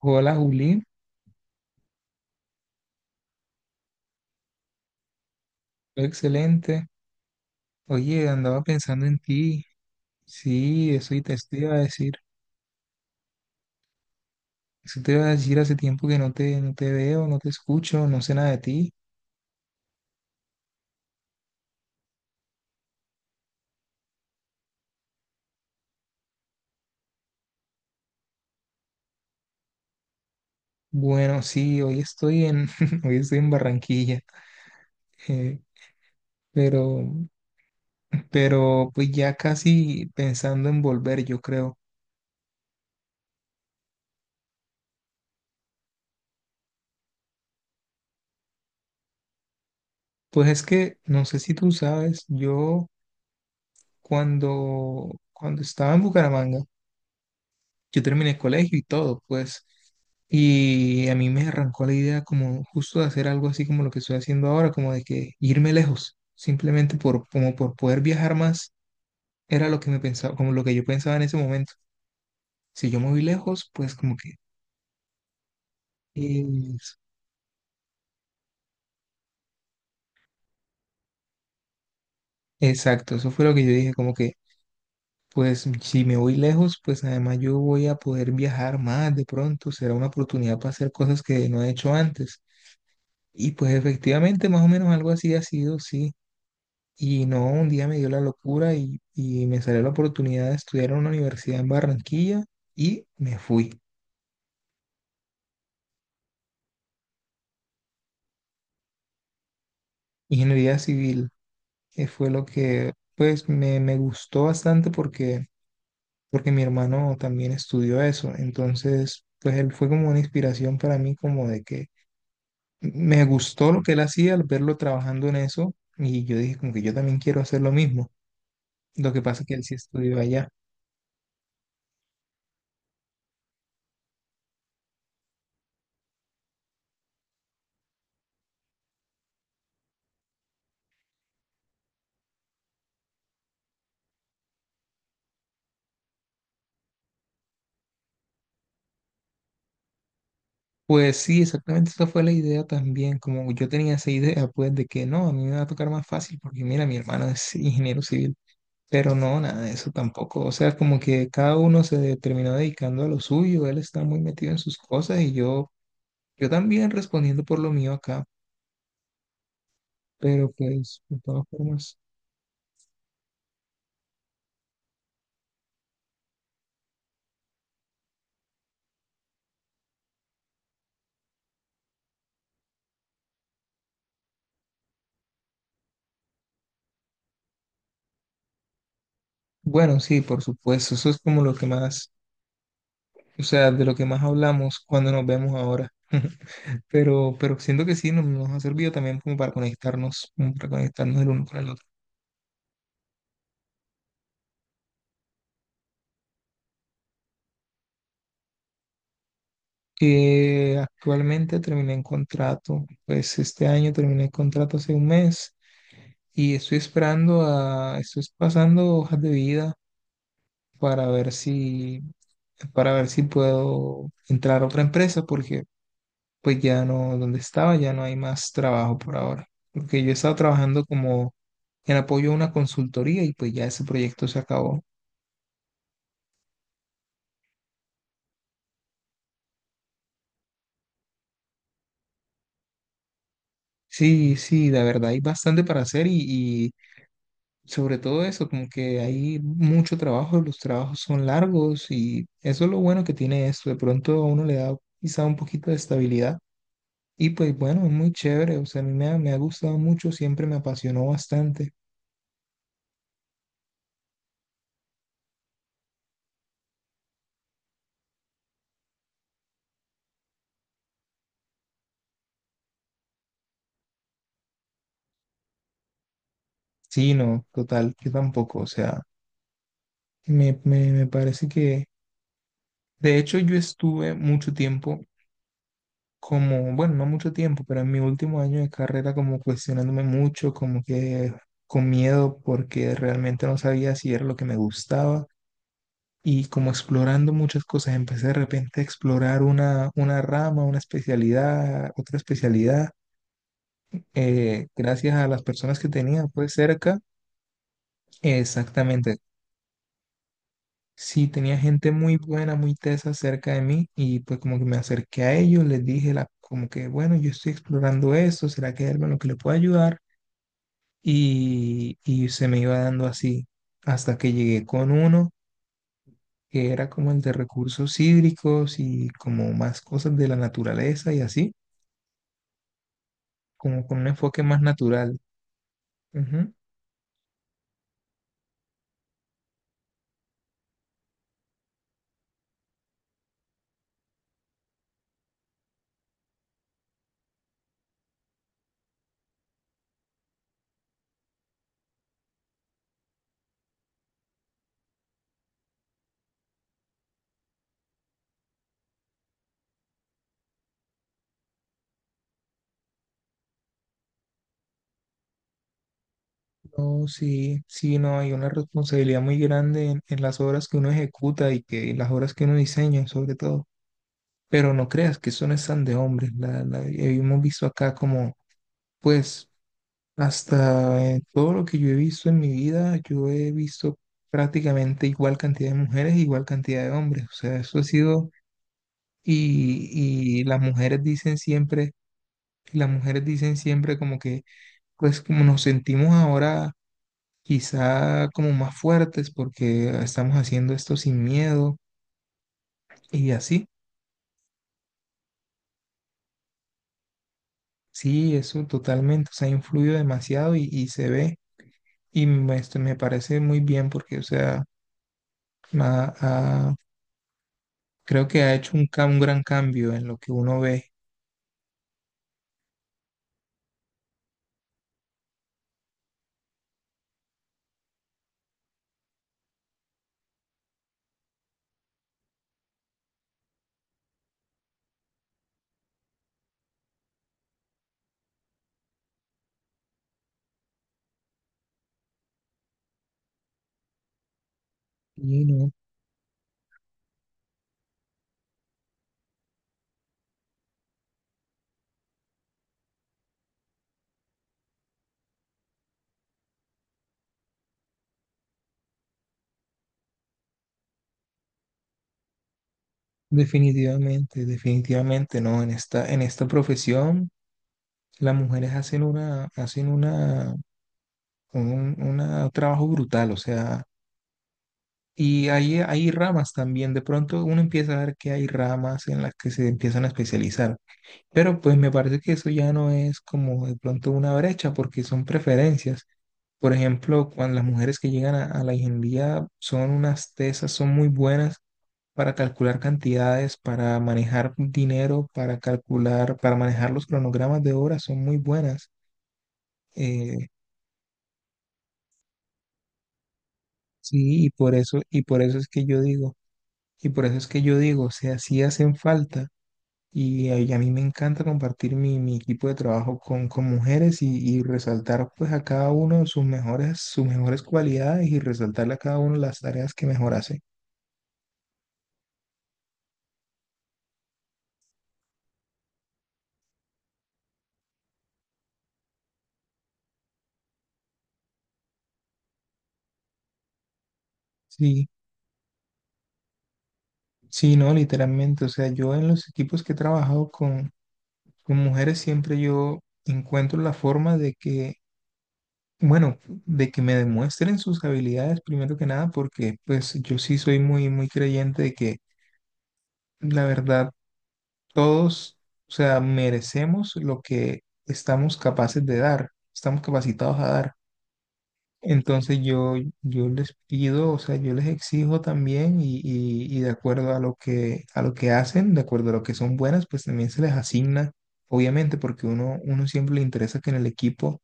Hola Juli, todo excelente. Oye, andaba pensando en ti. Sí, eso y te iba a decir. Eso te iba a decir, hace tiempo que no te veo, no te escucho, no sé nada de ti. Bueno, sí, hoy estoy en, hoy estoy en Barranquilla. eh, pero, pero pues ya casi pensando en volver, yo creo. Pues es que no sé si tú sabes, yo cuando estaba en Bucaramanga, yo terminé el colegio y todo, pues. Y a mí me arrancó la idea como justo de hacer algo así como lo que estoy haciendo ahora, como de que irme lejos, simplemente por, como por poder viajar más, era lo que me pensaba, como lo que yo pensaba en ese momento. Si yo me voy lejos, pues como que... es- Exacto, eso fue lo que yo dije, como que, pues si me voy lejos, pues además yo voy a poder viajar más, de pronto será una oportunidad para hacer cosas que no he hecho antes. Y pues efectivamente, más o menos algo así ha sido, sí. Y no, un día me dio la locura y me salió la oportunidad de estudiar en una universidad en Barranquilla y me fui. Ingeniería civil, que fue lo que pues me gustó bastante porque, porque mi hermano también estudió eso. Entonces, pues él fue como una inspiración para mí, como de que me gustó lo que él hacía al verlo trabajando en eso y yo dije como que yo también quiero hacer lo mismo. Lo que pasa es que él sí estudió allá. Pues sí, exactamente esa fue la idea también, como yo tenía esa idea, pues de que no, a mí me va a tocar más fácil porque mira, mi hermano es ingeniero civil, pero no, nada de eso tampoco, o sea, como que cada uno se terminó dedicando a lo suyo, él está muy metido en sus cosas y yo también respondiendo por lo mío acá, pero pues de todas formas, bueno, sí, por supuesto, eso es como lo que más, o sea, de lo que más hablamos cuando nos vemos ahora. Pero siento que sí, nos ha servido también como para conectarnos el uno con el otro. Actualmente terminé en contrato, pues este año terminé el contrato hace un mes y estoy esperando a, estoy pasando hojas de vida para ver si, para ver si puedo entrar a otra empresa porque pues ya no, donde estaba ya no hay más trabajo por ahora, porque yo he estado trabajando como en apoyo a una consultoría y pues ya ese proyecto se acabó. Sí, sí, la verdad hay bastante para hacer y, sobre todo eso, como que hay mucho trabajo, los trabajos son largos y eso es lo bueno que tiene esto. De pronto a uno le da quizá un poquito de estabilidad y pues bueno, es muy chévere. O sea, a mí me ha gustado mucho, siempre me apasionó bastante. Sí, no, total, yo tampoco. O sea, me parece que, de hecho, yo estuve mucho tiempo como, bueno, no mucho tiempo, pero en mi último año de carrera como cuestionándome mucho, como que con miedo porque realmente no sabía si era lo que me gustaba y como explorando muchas cosas. Empecé de repente a explorar una rama, una especialidad, otra especialidad, gracias a las personas que tenía pues cerca. Exactamente. Sí, tenía gente muy buena, muy tesa cerca de mí y pues como que me acerqué a ellos, les dije la, como que, bueno, yo estoy explorando esto, ¿será que hay algo en lo que le pueda ayudar? Y se me iba dando así hasta que llegué con uno que era como el de recursos hídricos y como más cosas de la naturaleza y así, como con un enfoque más natural. Ujú. No, sí, sí, no, hay una responsabilidad muy grande en las obras que uno ejecuta y que y las obras que uno diseña, sobre todo. Pero no creas que eso no es tan de hombres. Hemos visto acá como, pues, hasta todo lo que yo he visto en mi vida, yo he visto prácticamente igual cantidad de mujeres, igual cantidad de hombres. O sea, eso ha sido. Y las mujeres dicen siempre, y las mujeres dicen siempre como que, pues como nos sentimos ahora quizá como más fuertes porque estamos haciendo esto sin miedo y así. Sí, eso totalmente, o sea, ha influido demasiado y se ve y me, este, me parece muy bien porque, o sea, ma- ha- creo que ha hecho un, un gran cambio en lo que uno ve. Y no, definitivamente, definitivamente, no, en esta profesión. Las mujeres hacen una un trabajo brutal, o sea, y hay ramas también, de pronto uno empieza a ver que hay ramas en las que se empiezan a especializar, pero pues me parece que eso ya no es como de pronto una brecha, porque son preferencias. Por ejemplo, cuando las mujeres que llegan a la ingeniería son unas tesas, son muy buenas para calcular cantidades, para manejar dinero, para calcular, para manejar los cronogramas de obra, son muy buenas. Eh, Sí, y por eso es que yo digo, y por eso es que yo digo, o sea, sí hacen falta, y a mí me encanta compartir mi, mi equipo de trabajo con mujeres y resaltar pues a cada uno sus mejores cualidades y resaltarle a cada uno las tareas que mejor hace. Sí, sí, no, literalmente, o sea, yo en los equipos que he trabajado con mujeres siempre yo encuentro la forma de que bueno, de que me demuestren sus habilidades primero que nada, porque pues yo sí soy muy, muy creyente de que la verdad todos, o sea, merecemos lo que estamos capaces de dar, estamos capacitados a dar. Entonces yo les pido, o sea, yo les exijo también y de acuerdo a lo que hacen, de acuerdo a lo que son buenas, pues también se les asigna, obviamente, porque uno, uno siempre le interesa que en el equipo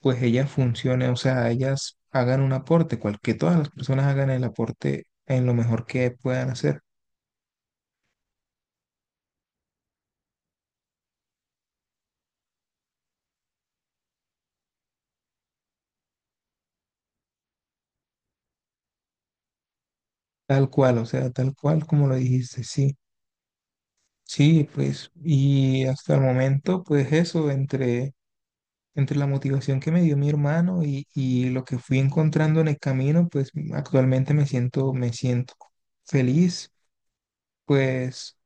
pues ellas funcionen, o sea, ellas hagan un aporte, cual, que todas las personas hagan el aporte en lo mejor que puedan hacer, tal cual, o sea, tal cual como lo dijiste, sí, sí, pues, y hasta el momento, pues eso, entre, entre la motivación que me dio mi hermano y lo que fui encontrando en el camino, pues actualmente me siento feliz, pues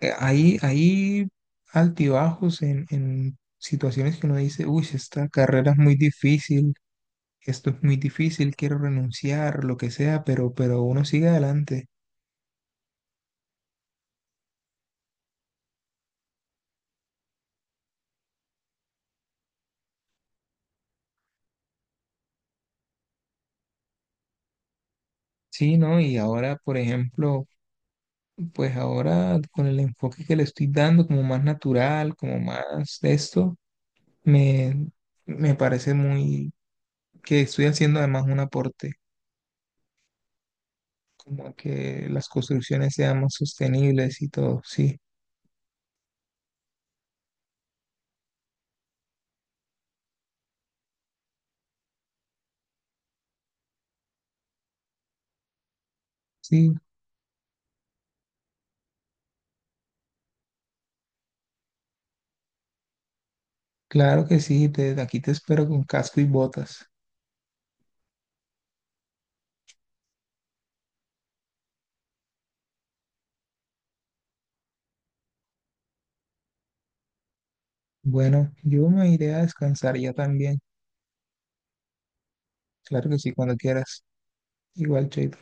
ahí, ahí altibajos en situaciones que uno dice, uy, esta carrera es muy difícil, esto es muy difícil, quiero renunciar, lo que sea, pero uno sigue adelante. Sí, ¿no? Y ahora, por ejemplo, pues ahora con el enfoque que le estoy dando, como más natural, como más de esto, me, me parece muy que estoy haciendo además un aporte, como a que las construcciones sean más sostenibles y todo. Sí, sí, claro que sí, te, aquí te espero con casco y botas. Bueno, yo me iré a descansar ya también. Claro que sí, cuando quieras. Igual, chaito.